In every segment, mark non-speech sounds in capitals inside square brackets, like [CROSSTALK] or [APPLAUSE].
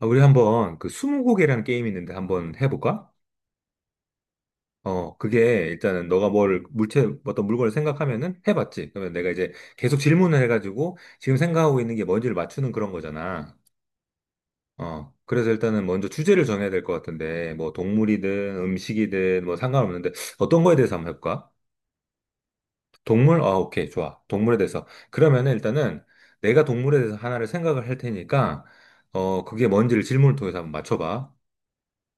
아, 우리 한번 그 스무고개라는 게임이 있는데 한번 해볼까? 그게 일단은 너가 뭘 물체 어떤 물건을 생각하면은 해봤지. 그러면 내가 이제 계속 질문을 해가지고 지금 생각하고 있는 게 뭔지를 맞추는 그런 거잖아. 그래서 일단은 먼저 주제를 정해야 될 것 같은데 뭐 동물이든 음식이든 뭐 상관없는데 어떤 거에 대해서 한번 해볼까? 동물? 아, 오케이, 좋아. 동물에 대해서. 그러면은 일단은 내가 동물에 대해서 하나를 생각을 할 테니까 그게 뭔지를 질문을 통해서 한번 맞춰봐.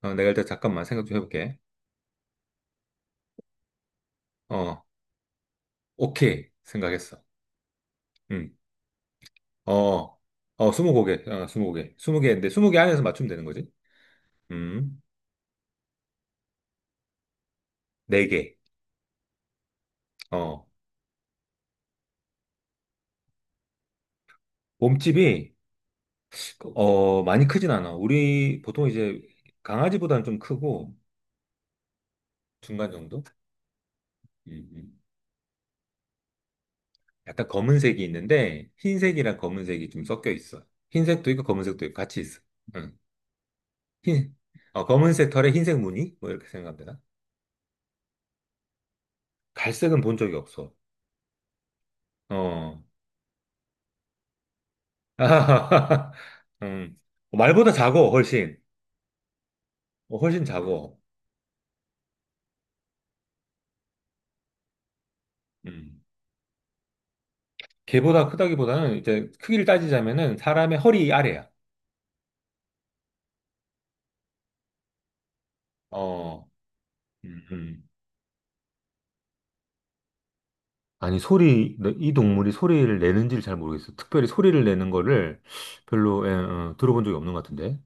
내가 일단 잠깐만 생각 좀 해볼게. 어, 오케이. 생각했어. 음, 어, 스무 고개, 스무 개인데, 20개 안에서 맞추면 되는 거지? 음, 4개. 어, 몸집이, 많이 크진 않아. 우리, 보통 이제, 강아지보다는 좀 크고, 중간 정도? 음, 음. 약간 검은색이 있는데, 흰색이랑 검은색이 좀 섞여 있어. 흰색도 있고, 검은색도 있고, 같이 있어. 응. 흰, 검은색 털에 흰색 무늬? 뭐, 이렇게 생각하면 되나? 갈색은 본 적이 없어. 어, 아, [LAUGHS] 음. 말보다 작어, 훨씬. 훨씬 작어. 음. 개보다 크다기보다는 이제 크기를 따지자면은 사람의 허리 아래야. 어, 음, 음. 아니, 소리, 이 동물이 소리를 내는지를 잘 모르겠어. 특별히 소리를 내는 거를 별로 들어본 적이 없는 것 같은데.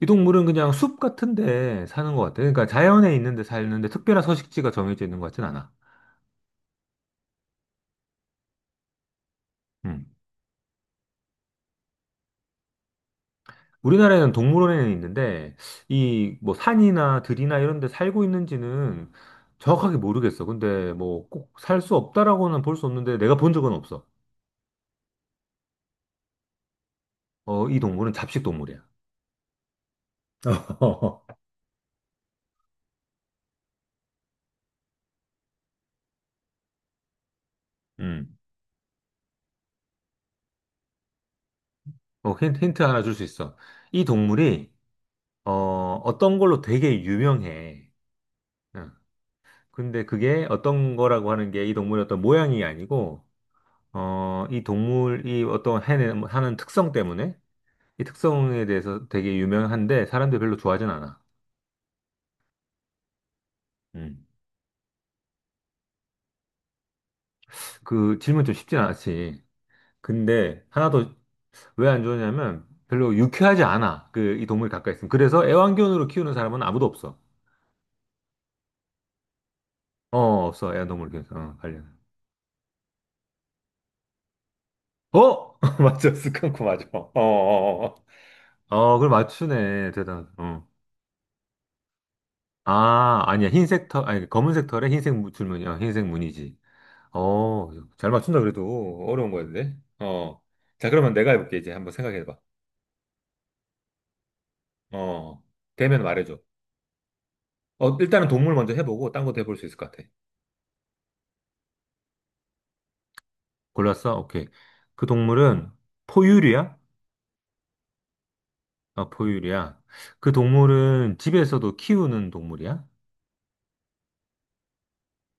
이 동물은 그냥 숲 같은 데 사는 것 같아. 그러니까 자연에 있는 데 살는데 특별한 서식지가 정해져 있는 것 같진 않아. 음. 우리나라에는 동물원에는 있는데, 이 뭐 산이나 들이나 이런 데 살고 있는지는 정확하게 모르겠어. 근데 뭐 꼭 살 수 없다라고는 볼 수 없는데, 내가 본 적은 없어. 이 동물은 잡식 동물이야. [LAUGHS] 음. 힌트 하나 줄 수 있어. 이 동물이, 어, 어떤 걸로 되게 유명해. 어. 근데 그게 어떤 거라고 하는 게 이 동물의 어떤 모양이 아니고, 이 동물이 어떤 하는 특성 때문에 이 특성에 대해서 되게 유명한데 사람들이 별로 좋아하진 않아. 음. 그 질문 좀 쉽진 않았지. 근데 하나 더 왜 안 좋으냐면 별로 유쾌하지 않아. 그 이 동물 가까이 있으면. 그래서 애완견으로 키우는 사람은 아무도 없어. 어, 없어. 애완동물 키우는 사람. 관련. 어? [LAUGHS] 맞아. 스컹크 맞아. 어, 어, 어. 그걸 맞추네. 대단. 어. 아, 아니야. 흰색 털, 아니 검은색 털에 흰색 줄무늬, 흰색 무늬지. 어, 잘 맞춘다 그래도 어려운 거였네. 어. 자, 그러면 내가 해볼게 이제 한번 생각해봐. 어, 되면 말해줘. 일단은 동물 먼저 해보고 딴 것도 해볼 수 있을 것 같아. 골랐어? 오케이. 그 동물은 포유류야? 아, 포유류야. 그 동물은 집에서도 키우는 동물이야?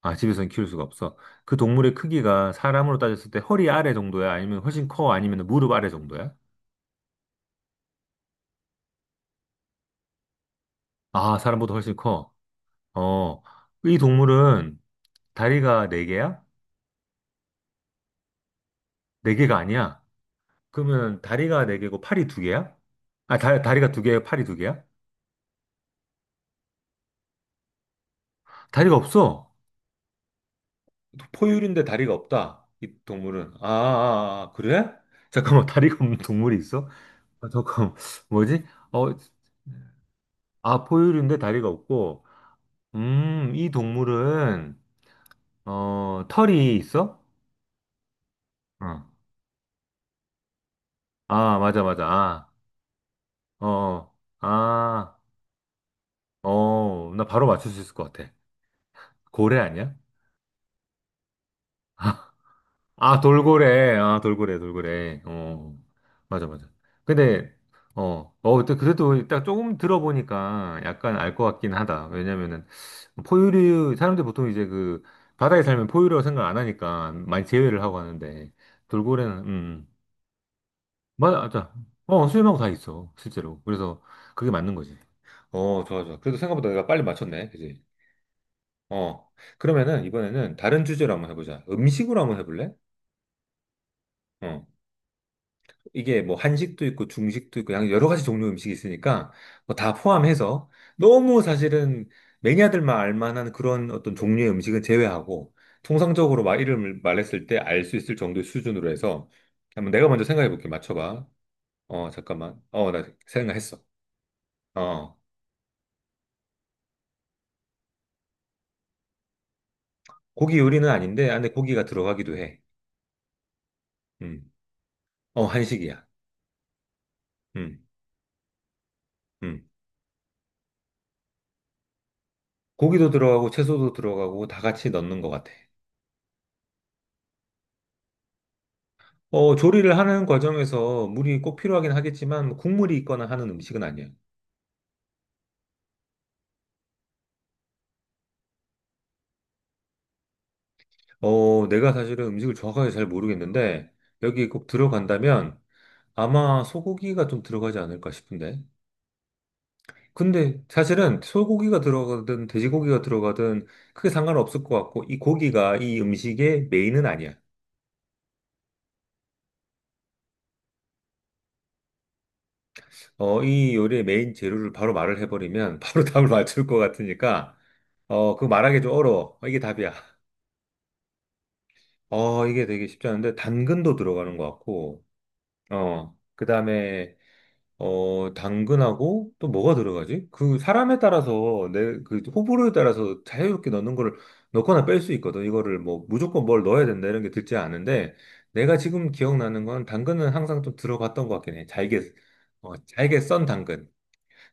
아, 집에서는 키울 수가 없어. 그 동물의 크기가 사람으로 따졌을 때 허리 아래 정도야? 아니면 훨씬 커? 아니면 무릎 아래 정도야? 아, 사람보다 훨씬 커. 어, 이 동물은 다리가 4개야4개가 아니야? 그러면 다리가 4개고 팔이 2개야. 아, 다리가 2개에 팔이 2개야. 다리가 없어. 포유류인데 다리가 없다. 이 동물은. 아, 아, 아, 아, 그래? 잠깐만, 다리가 없는 동물이 있어? 아, 잠깐, 뭐지? 어, 아, 포유류인데 다리가 없고, 이 동물은, 털이 있어? 어. 아, 맞아, 맞아. 아, 어, 어. 아, 나 바로 맞출 수 있을 것 같아. 고래 아니야? [LAUGHS] 아, 돌고래. 아, 돌고래, 돌고래. 어, 맞아, 맞아. 근데, 또 그래도 딱 조금 들어보니까 약간 알 것 같긴 하다. 왜냐면은, 포유류, 사람들 보통 이제 그, 바다에 살면 포유류라고 생각 안 하니까 많이 제외를 하고 하는데, 돌고래는, 맞아, 맞아. 수염하고 다 있어, 실제로. 그래서 그게 맞는 거지. 좋아, 좋아. 그래도 생각보다 내가 빨리 맞췄네, 그지? 어, 그러면은 이번에는 다른 주제로 한번 해보자. 음식으로 한번 해볼래? 어. 이게 뭐 한식도 있고 중식도 있고 여러 가지 종류 음식이 있으니까 뭐 다 포함해서 너무 사실은 매니아들만 알 만한 그런 어떤 종류의 음식은 제외하고 통상적으로 막 이름을 말했을 때 알 수 있을 정도의 수준으로 해서 한번 내가 먼저 생각해 볼게. 맞춰봐. 잠깐만. 나 생각했어. 어, 고기 요리는 아닌데 안에 고기가 들어가기도 해. 음, 한식이야. 음, 음. 고기도 들어가고 채소도 들어가고 다 같이 넣는 것 같아. 조리를 하는 과정에서 물이 꼭 필요하긴 하겠지만 뭐 국물이 있거나 하는 음식은 아니에요. 내가 사실은 음식을 정확하게 잘 모르겠는데 여기 꼭 들어간다면 아마 소고기가 좀 들어가지 않을까 싶은데. 근데 사실은 소고기가 들어가든 돼지고기가 들어가든 크게 상관없을 것 같고 이 고기가 이 음식의 메인은 아니야. 이 요리의 메인 재료를 바로 말을 해버리면 [LAUGHS] 바로 답을 맞출 것 같으니까 그거 말하기 좀 어려워. 이게 답이야. 이게 되게 쉽지 않은데, 당근도 들어가는 것 같고, 그 다음에, 당근하고 또 뭐가 들어가지? 그 사람에 따라서 내 그 호불호에 따라서 자유롭게 넣는 거를 넣거나 뺄 수 있거든. 이거를 뭐 무조건 뭘 넣어야 된다 이런 게 듣지 않은데, 내가 지금 기억나는 건 당근은 항상 좀 들어갔던 것 같긴 해. 잘게, 썬 당근.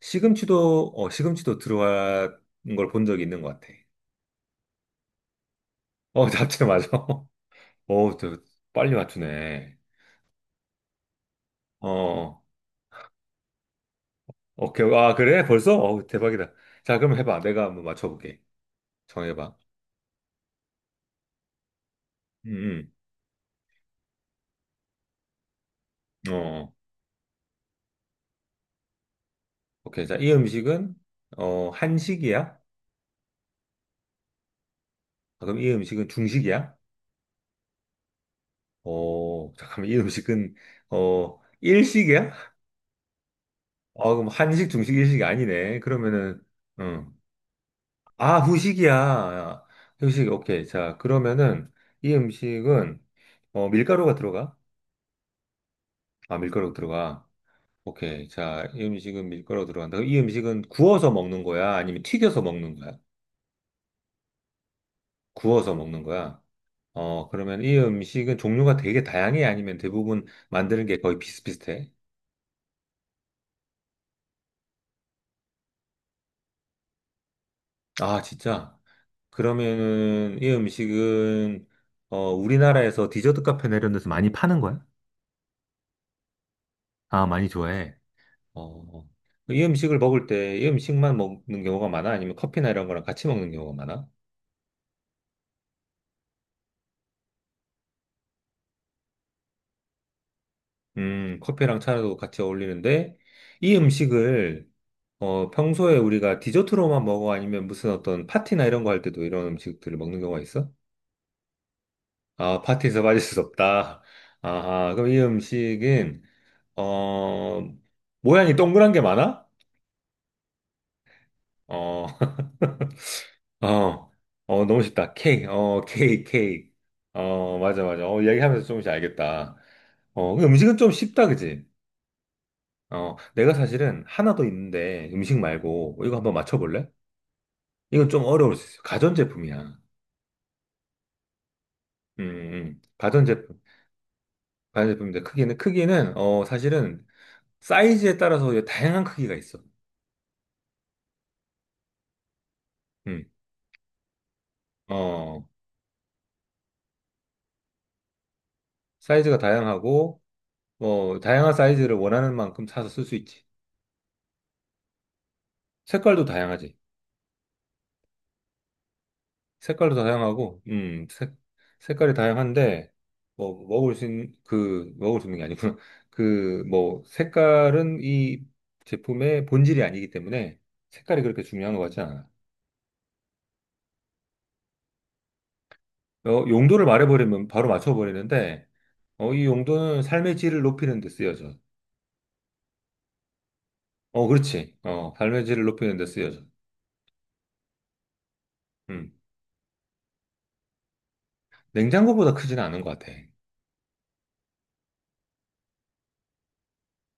시금치도 들어간 걸 본 적이 있는 것 같아. 잡채 맞아. [LAUGHS] 어, 저 빨리 맞추네. 어. 오케이. 아, 그래? 벌써? 어, 대박이다. 자, 그럼 해봐. 내가 한번 맞춰볼게. 정해봐. 음, 어, 어. 오케이. 자, 이 음식은, 한식이야? 아, 그럼 이 음식은 중식이야? 잠깐만. 이 음식은, 일식이야? 아, 그럼 한식, 중식, 일식이 아니네. 그러면은, 음. 아, 후식이야. 후식, 오케이. 자, 그러면은, 이 음식은, 밀가루가 들어가? 아, 밀가루 들어가. 오케이. 자, 이 음식은 밀가루 들어간다. 그럼 이 음식은 구워서 먹는 거야? 아니면 튀겨서 먹는 거야? 구워서 먹는 거야? 그러면 이 음식은 종류가 되게 다양해? 아니면 대부분 만드는 게 거의 비슷비슷해? 아, 진짜? 그러면은 이 음식은 우리나라에서 디저트 카페나 이런 데서 많이 파는 거야? 아, 많이 좋아해. 어, 이 음식을 먹을 때 이 음식만 먹는 경우가 많아? 아니면 커피나 이런 거랑 같이 먹는 경우가 많아? 커피랑 차도 같이 어울리는데 이 음식을 평소에 우리가 디저트로만 먹어 아니면 무슨 어떤 파티나 이런 거 할 때도 이런 음식들을 먹는 경우가 있어? 아, 파티에서 빠질 수 없다. 아하, 그럼 이 음식은, 어, 모양이 동그란 게 많아? 어, [LAUGHS] 어, 너무 쉽다. 케이크, 케이크, 케이크. 맞아, 맞아. 얘기하면서 조금씩 알겠다. 그 음식은 좀 쉽다, 그지? 내가 사실은 하나 더 있는데 음식 말고 이거 한번 맞춰볼래? 이건 좀 어려울 수 있어. 가전제품이야. 가전제품. 반대품입니다. 크기는 사실은 사이즈에 따라서 이제 다양한 크기가 있어. 음. 어 사이즈가 다양하고 뭐 다양한 사이즈를 원하는 만큼 사서 쓸 수 있지. 색깔도 다양하지. 색깔도 다양하고 색깔이 다양한데 뭐 먹을 수 있는 그 먹을 수 있는 게 아니구나. [LAUGHS] 그 뭐 색깔은 이 제품의 본질이 아니기 때문에 색깔이 그렇게 중요한 것 같지 않아. 용도를 말해버리면 바로 맞춰버리는데, 이 용도는 삶의 질을 높이는 데 쓰여져. 그렇지. 삶의 질을 높이는 데 쓰여져. 음. 냉장고보다 크지는 않은 것 같아.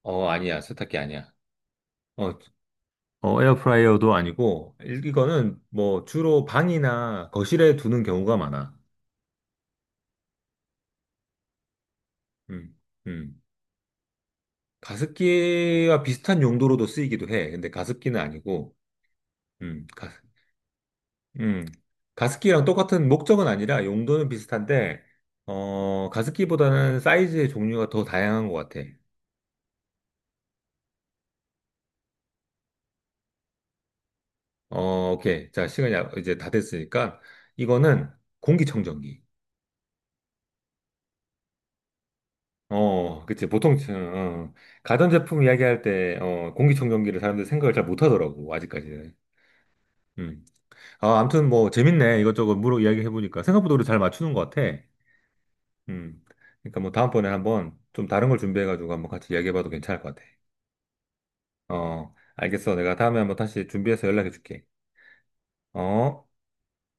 아니야. 세탁기 아니야. 어, 에어프라이어도 아니고, 이거는 뭐 주로 방이나 거실에 두는 경우가 많아. 음, 음. 가습기와 비슷한 용도로도 쓰이기도 해. 근데 가습기는 아니고, 음, 가, 음, 가습기랑 똑같은 목적은 아니라 용도는 비슷한데, 가습기보다는 사이즈의 종류가 더 다양한 것 같아. 오케이. 자, 시간이 이제 다 됐으니까, 이거는 공기청정기. 그치. 보통, 가전제품 이야기할 때, 공기청정기를 사람들이 생각을 잘 못하더라고, 아직까지는. 음. 아, 아무튼 뭐, 재밌네. 이것저것 물어 이야기해보니까. 생각보다 우리 잘 맞추는 것 같아. 음. 그러니까 뭐, 다음번에 한번 좀 다른 걸 준비해가지고 한번 같이 이야기해봐도 괜찮을 것 같아. 알겠어. 내가 다음에 한번 다시 준비해서 연락해 줄게. 어?